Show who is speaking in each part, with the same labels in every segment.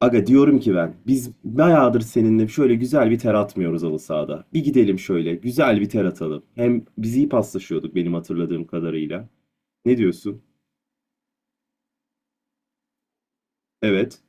Speaker 1: Aga diyorum ki ben biz bayağıdır seninle şöyle güzel bir ter atmıyoruz halı sahada. Bir gidelim şöyle güzel bir ter atalım. Hem biz iyi paslaşıyorduk benim hatırladığım kadarıyla. Ne diyorsun? Evet.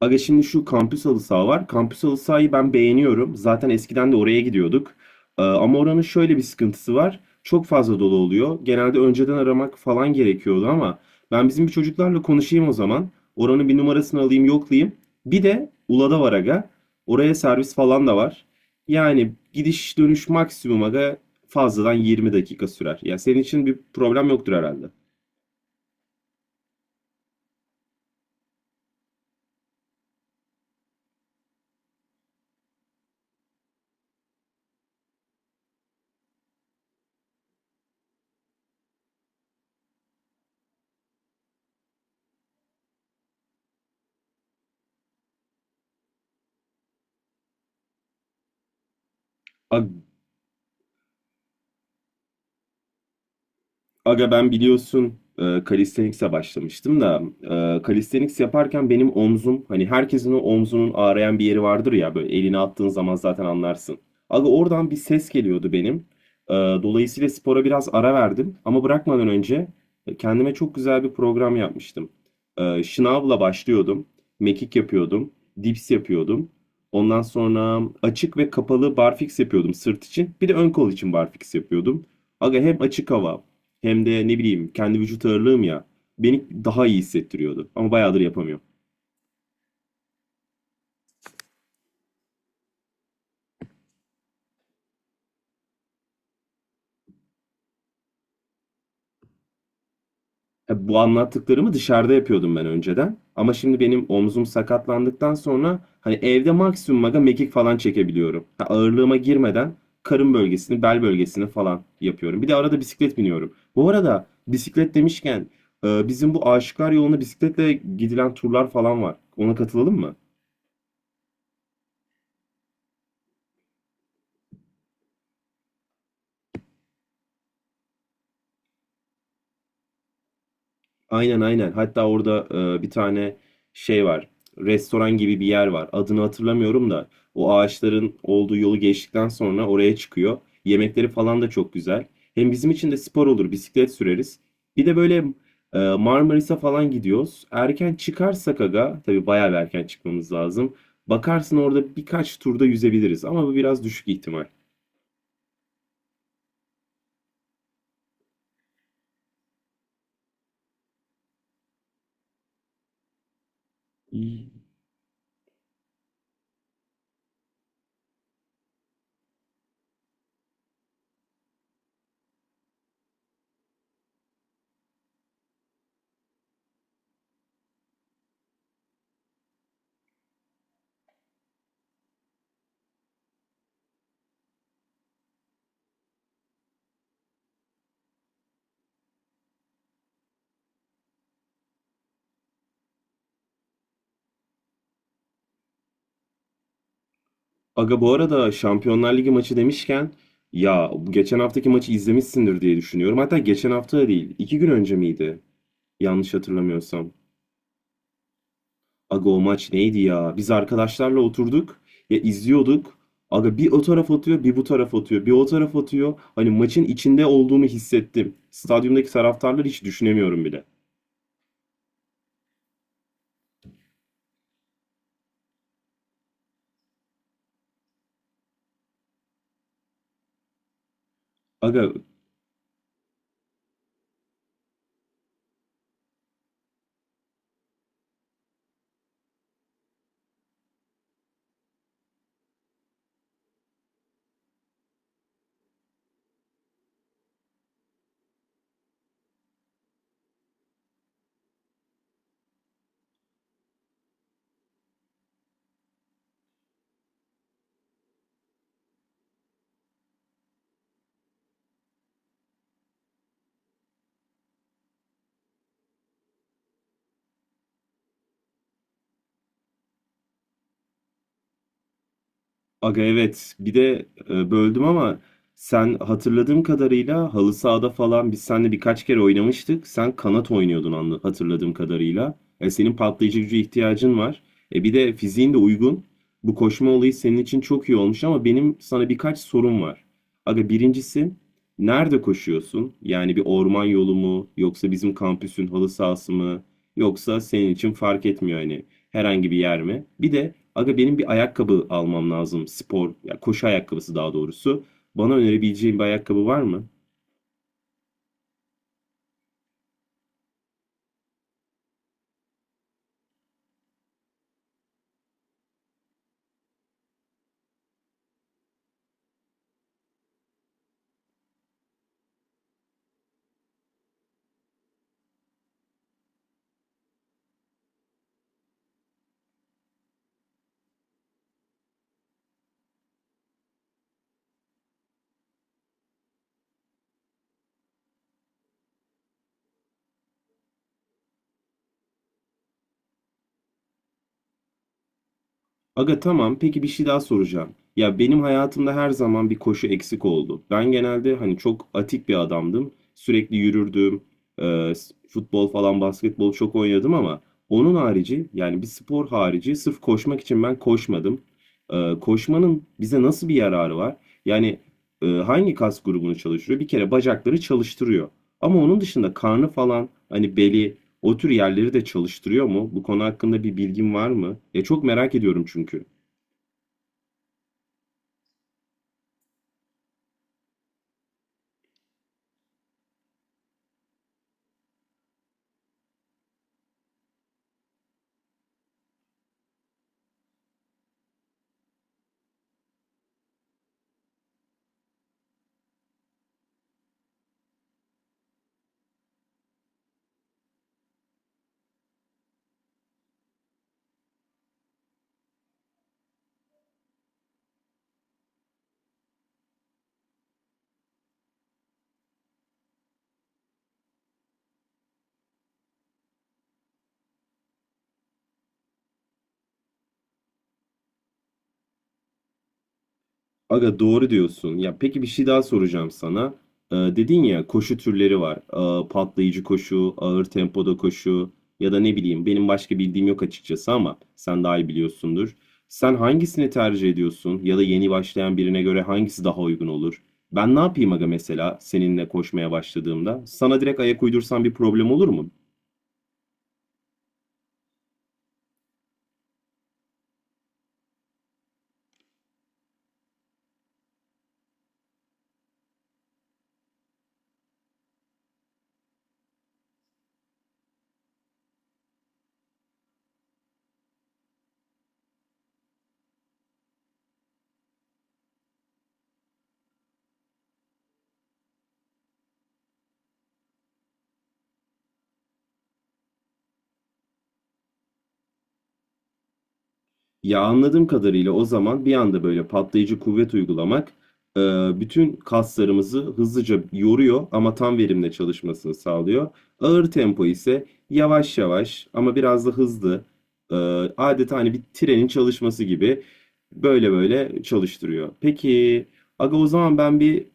Speaker 1: Aga şimdi şu kampüs halı saha var. Kampüs halı sahayı ben beğeniyorum. Zaten eskiden de oraya gidiyorduk. Ama oranın şöyle bir sıkıntısı var. Çok fazla dolu oluyor. Genelde önceden aramak falan gerekiyordu ama ben bizim bir çocuklarla konuşayım o zaman. Oranın bir numarasını alayım, yoklayayım. Bir de Ula'da var aga. Oraya servis falan da var. Yani gidiş dönüş maksimum aga fazladan 20 dakika sürer. Ya senin için bir problem yoktur herhalde. Aga ben biliyorsun calisthenics'e başlamıştım da calisthenics yaparken benim omzum hani herkesin o omzunun ağrıyan bir yeri vardır ya böyle elini attığın zaman zaten anlarsın. Aga oradan bir ses geliyordu benim. Dolayısıyla spora biraz ara verdim ama bırakmadan önce kendime çok güzel bir program yapmıştım. Şınavla başlıyordum. Mekik yapıyordum. Dips yapıyordum. Ondan sonra açık ve kapalı barfiks yapıyordum sırt için. Bir de ön kol için barfiks yapıyordum. Aga hem açık hava hem de ne bileyim kendi vücut ağırlığım ya beni daha iyi hissettiriyordu. Ama bayağıdır yapamıyorum. Ya bu anlattıklarımı dışarıda yapıyordum ben önceden. Ama şimdi benim omzum sakatlandıktan sonra hani evde maksimum aga mekik falan çekebiliyorum. Ha, ağırlığıma girmeden karın bölgesini, bel bölgesini falan yapıyorum. Bir de arada bisiklet biniyorum. Bu arada bisiklet demişken bizim bu Aşıklar Yolu'na bisikletle gidilen turlar falan var. Ona katılalım mı? Aynen aynen. Hatta orada bir tane şey var. Restoran gibi bir yer var. Adını hatırlamıyorum da o ağaçların olduğu yolu geçtikten sonra oraya çıkıyor. Yemekleri falan da çok güzel. Hem bizim için de spor olur. Bisiklet süreriz. Bir de böyle Marmaris'e falan gidiyoruz. Erken çıkarsak aga, tabii bayağı bir erken çıkmamız lazım. Bakarsın orada birkaç turda yüzebiliriz ama bu biraz düşük ihtimal. Aga bu arada Şampiyonlar Ligi maçı demişken ya bu geçen haftaki maçı izlemişsindir diye düşünüyorum. Hatta geçen hafta da değil, iki gün önce miydi? Yanlış hatırlamıyorsam. Aga o maç neydi ya? Biz arkadaşlarla oturduk ya izliyorduk. Aga bir o taraf atıyor, bir bu taraf atıyor, bir o taraf atıyor. Hani maçın içinde olduğumu hissettim. Stadyumdaki taraftarları hiç düşünemiyorum bile. Aga Aga evet bir de böldüm ama sen hatırladığım kadarıyla halı sahada falan biz seninle birkaç kere oynamıştık. Sen kanat oynuyordun hatırladığım kadarıyla. E, senin patlayıcı gücü ihtiyacın var. E, bir de fiziğin de uygun. Bu koşma olayı senin için çok iyi olmuş ama benim sana birkaç sorum var. Aga birincisi nerede koşuyorsun? Yani bir orman yolu mu yoksa bizim kampüsün halı sahası mı? Yoksa senin için fark etmiyor hani herhangi bir yer mi? Bir de aga benim bir ayakkabı almam lazım. Spor, ya koşu ayakkabısı daha doğrusu. Bana önerebileceğin bir ayakkabı var mı? Aga tamam. Peki bir şey daha soracağım. Ya benim hayatımda her zaman bir koşu eksik oldu. Ben genelde hani çok atik bir adamdım. Sürekli yürürdüm. Futbol falan basketbol çok oynadım ama onun harici yani bir spor harici sırf koşmak için ben koşmadım. Koşmanın bize nasıl bir yararı var? Yani hangi kas grubunu çalıştırıyor? Bir kere bacakları çalıştırıyor. Ama onun dışında karnı falan hani beli o tür yerleri de çalıştırıyor mu? Bu konu hakkında bir bilgin var mı? Ya çok merak ediyorum çünkü. Aga doğru diyorsun. Ya peki bir şey daha soracağım sana. Dedin ya koşu türleri var. Patlayıcı koşu, ağır tempoda koşu ya da ne bileyim benim başka bildiğim yok açıkçası ama sen daha iyi biliyorsundur. Sen hangisini tercih ediyorsun ya da yeni başlayan birine göre hangisi daha uygun olur? Ben ne yapayım aga mesela seninle koşmaya başladığımda? Sana direkt ayak uydursam bir problem olur mu? Ya anladığım kadarıyla o zaman bir anda böyle patlayıcı kuvvet uygulamak e, bütün kaslarımızı hızlıca yoruyor ama tam verimle çalışmasını sağlıyor. Ağır tempo ise yavaş yavaş ama biraz da hızlı e, adeta hani bir trenin çalışması gibi böyle böyle çalıştırıyor. Peki aga o zaman ben bir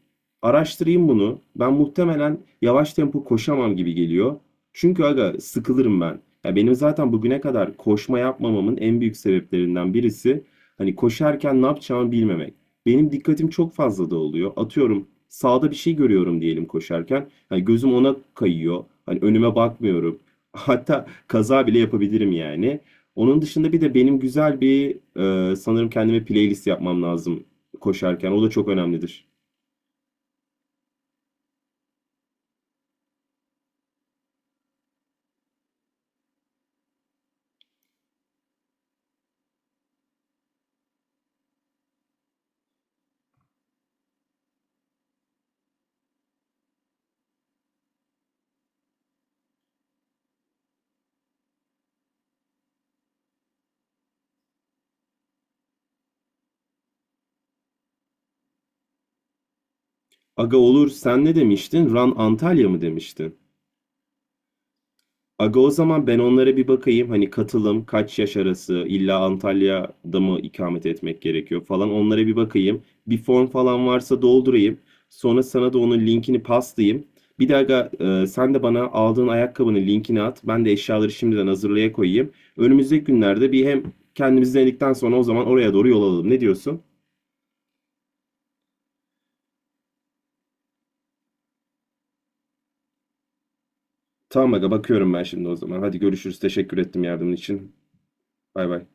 Speaker 1: araştırayım bunu. Ben muhtemelen yavaş tempo koşamam gibi geliyor. Çünkü aga sıkılırım ben. Ya benim zaten bugüne kadar koşma yapmamamın en büyük sebeplerinden birisi hani koşarken ne yapacağımı bilmemek. Benim dikkatim çok fazla dağılıyor. Atıyorum sağda bir şey görüyorum diyelim koşarken. Hani gözüm ona kayıyor. Hani önüme bakmıyorum. Hatta kaza bile yapabilirim yani. Onun dışında bir de benim güzel bir sanırım kendime playlist yapmam lazım koşarken. O da çok önemlidir. Aga olur sen ne demiştin? Run Antalya mı demiştin? Aga o zaman ben onlara bir bakayım. Hani katılım, kaç yaş arası, illa Antalya'da mı ikamet etmek gerekiyor falan. Onlara bir bakayım. Bir form falan varsa doldurayım. Sonra sana da onun linkini paslayayım. Bir de aga sen de bana aldığın ayakkabının linkini at. Ben de eşyaları şimdiden hazırlaya koyayım. Önümüzdeki günlerde bir hem kendimiz denedikten sonra o zaman oraya doğru yol alalım. Ne diyorsun? Tamam aga bakıyorum ben şimdi o zaman. Hadi görüşürüz. Teşekkür ettim yardımın için. Bay bay.